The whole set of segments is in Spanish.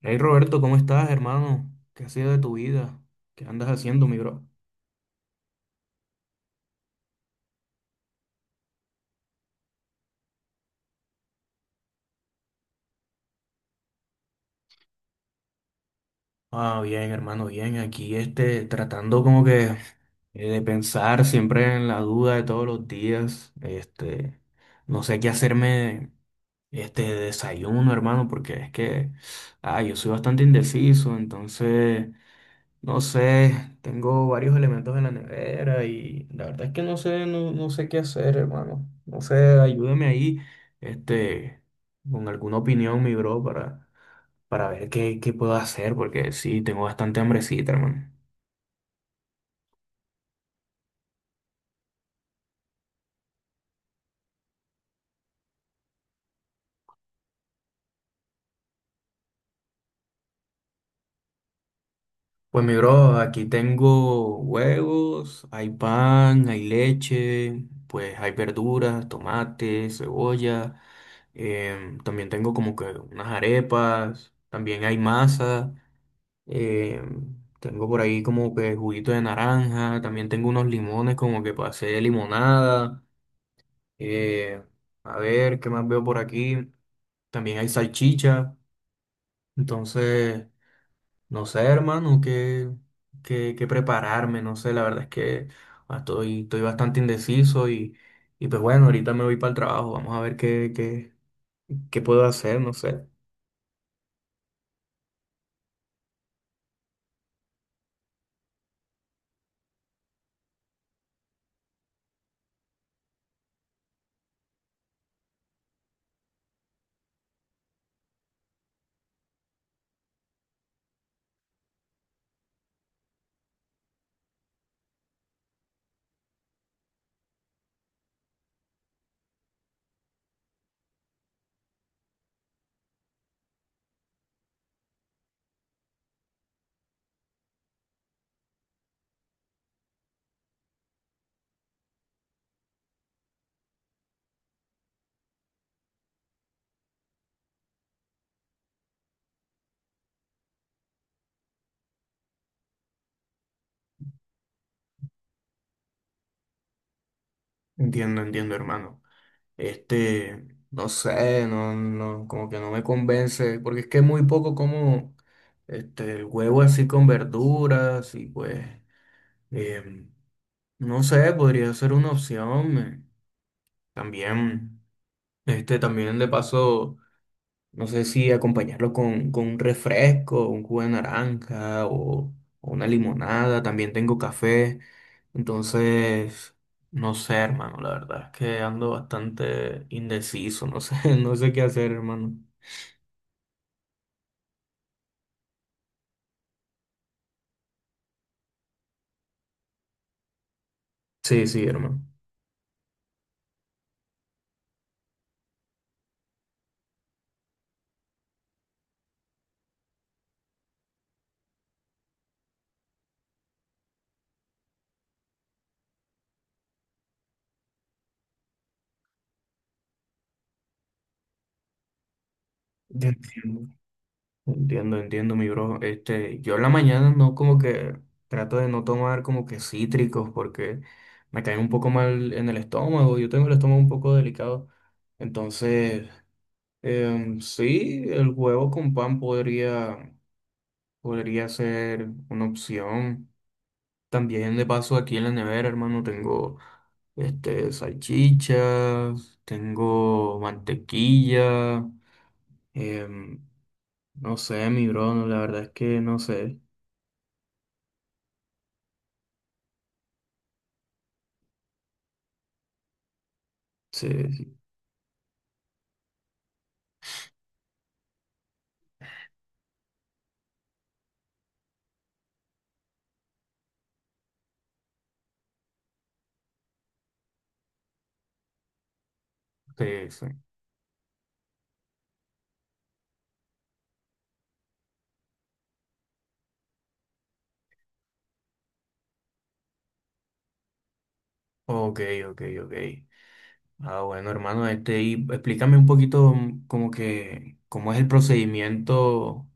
Hey Roberto, ¿cómo estás, hermano? ¿Qué has sido de tu vida? ¿Qué andas haciendo, mi bro? Ah, bien, hermano, bien. Aquí este, tratando como que de pensar siempre en la duda de todos los días. Este, no sé qué hacerme este de desayuno, hermano, porque es que, yo soy bastante indeciso, entonces no sé, tengo varios elementos en la nevera y la verdad es que no sé, no sé qué hacer, hermano. No sé, ayúdeme ahí, este, con alguna opinión, mi bro, para ver qué puedo hacer, porque sí, tengo bastante hambrecita, hermano. Pues mi bro, aquí tengo huevos, hay pan, hay leche, pues hay verduras, tomate, cebolla, también tengo como que unas arepas, también hay masa. Eh, tengo por ahí como que juguito de naranja, también tengo unos limones como que para hacer limonada. eh, a ver, ¿qué más veo por aquí? También hay salchicha. Entonces, no sé, hermano, qué prepararme, no sé, la verdad es que estoy bastante indeciso y pues bueno, ahorita me voy para el trabajo, vamos a ver qué puedo hacer, no sé. Entiendo, entiendo, hermano. Este, no sé, como que no me convence, porque es que muy poco como este, el huevo así con verduras y pues, em, no sé, podría ser una opción. También, este, también de paso. No sé si acompañarlo con un refresco, un jugo de naranja o una limonada. También tengo café. Entonces, no sé, hermano. La verdad es que ando bastante indeciso. No sé, no sé qué hacer, hermano. Sí, sí, hermano. Ya entiendo, entiendo, entiendo, mi bro. Este, yo en la mañana no como que trato de no tomar como que cítricos porque me caen un poco mal en el estómago. Yo tengo el estómago un poco delicado. Entonces, sí, el huevo con pan podría, podría ser una opción. También de paso aquí en la nevera, hermano, tengo este, salchichas, tengo mantequilla, em, no sé, mi bro, no, la verdad es que no sé. Sí, sí, sí, sí. Ok, ok, ok. Ah, bueno, hermano, este, y explícame un poquito como que cómo es el procedimiento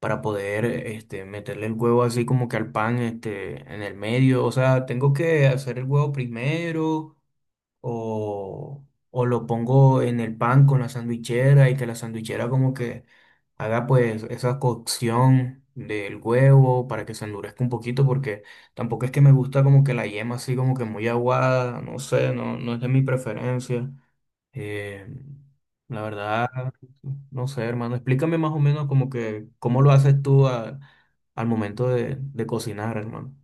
para poder este, meterle el huevo así como que al pan este, en el medio. O sea, ¿tengo que hacer el huevo primero o, o lo pongo en el pan con la sandwichera y que la sandwichera como que haga pues esa cocción del huevo para que se endurezca un poquito porque tampoco es que me gusta como que la yema así como que muy aguada, no sé, no es de mi preferencia. Eh, la verdad, no sé, hermano, explícame más o menos como que cómo lo haces tú al momento de cocinar, hermano.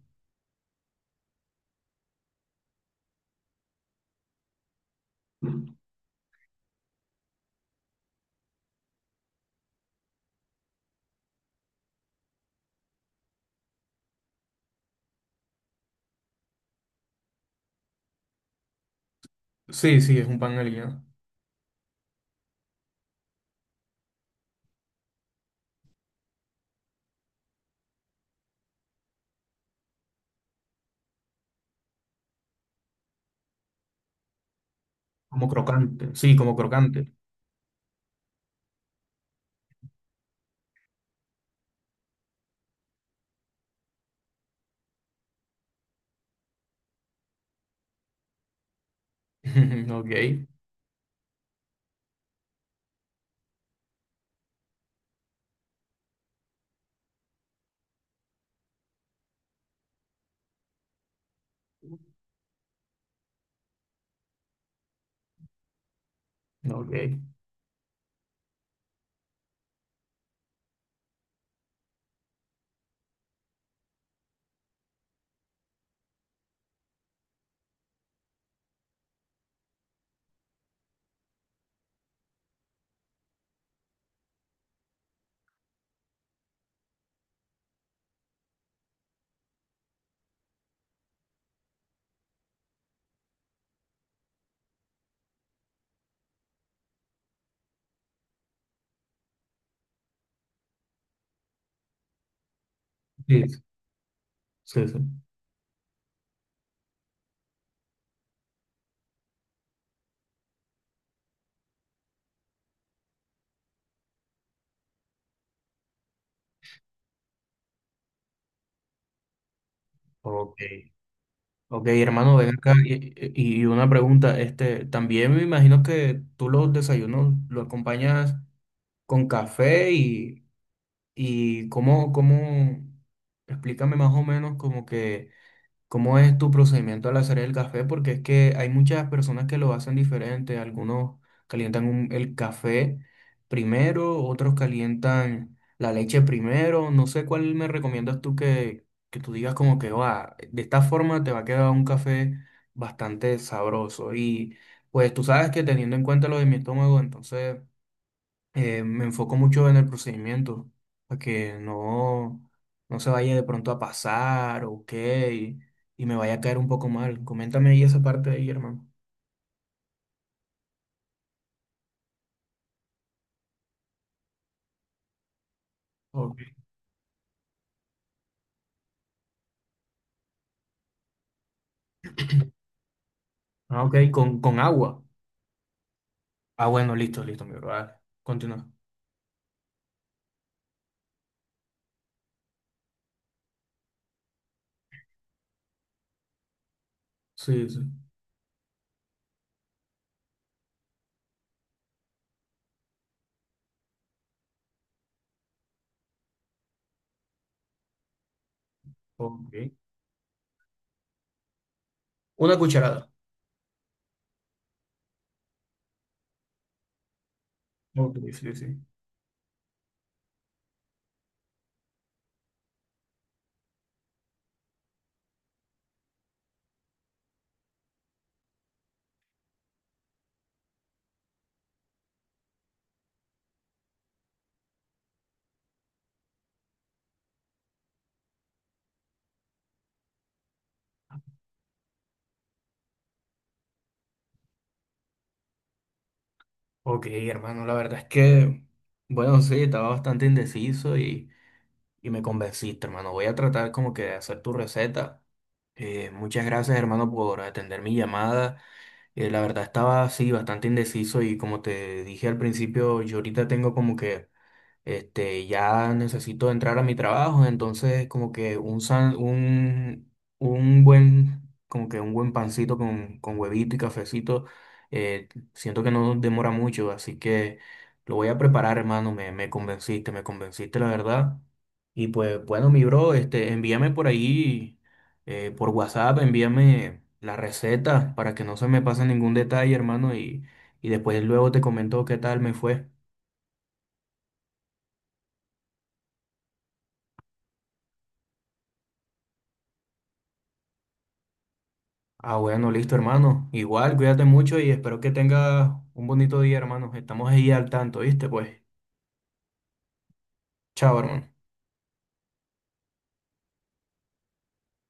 Sí, sí, es un pan aliñado. Como crocante, sí, como crocante. Ok, ok. Sí, sí, sí. Ok, ok, hermano, ven acá, y una pregunta, este, también me imagino que tú los desayunos lo acompañas con café y y explícame más o menos como que cómo es tu procedimiento al hacer el café, porque es que hay muchas personas que lo hacen diferente. Algunos calientan el café primero, otros calientan la leche primero. No sé cuál me recomiendas tú que tú digas como que va, de esta forma te va a quedar un café bastante sabroso. Y pues tú sabes que teniendo en cuenta lo de mi estómago, entonces me enfoco mucho en el procedimiento, para que no se vaya de pronto a pasar o qué, y me vaya a caer un poco mal. Coméntame ahí esa parte ahí, hermano. Oh, ah, ok, con agua. Ah, bueno, listo, listo, mi bro. Vale, continúa. Sí, sí. Ok. Una cucharada. Ok, sí, sí. Ok, hermano, la verdad es que, bueno, sí, estaba bastante indeciso y… Y me convenciste, hermano. Voy a tratar como que de hacer tu receta. Muchas gracias, hermano, por atender mi llamada. La verdad estaba así bastante indeciso y como te dije al principio, yo ahorita tengo como que este, ya necesito entrar a mi trabajo, entonces como que un buen, como que un buen pancito con huevito y cafecito, eh, siento que no demora mucho, así que lo voy a preparar, hermano, me convenciste, la verdad. Y pues bueno, mi bro, este, envíame por ahí, por WhatsApp, envíame la receta para que no se me pase ningún detalle, hermano, y después luego te comento qué tal me fue. Ah, bueno, listo, hermano. Igual, cuídate mucho y espero que tengas un bonito día, hermano. Estamos ahí al tanto, ¿viste? Pues, chao, hermano.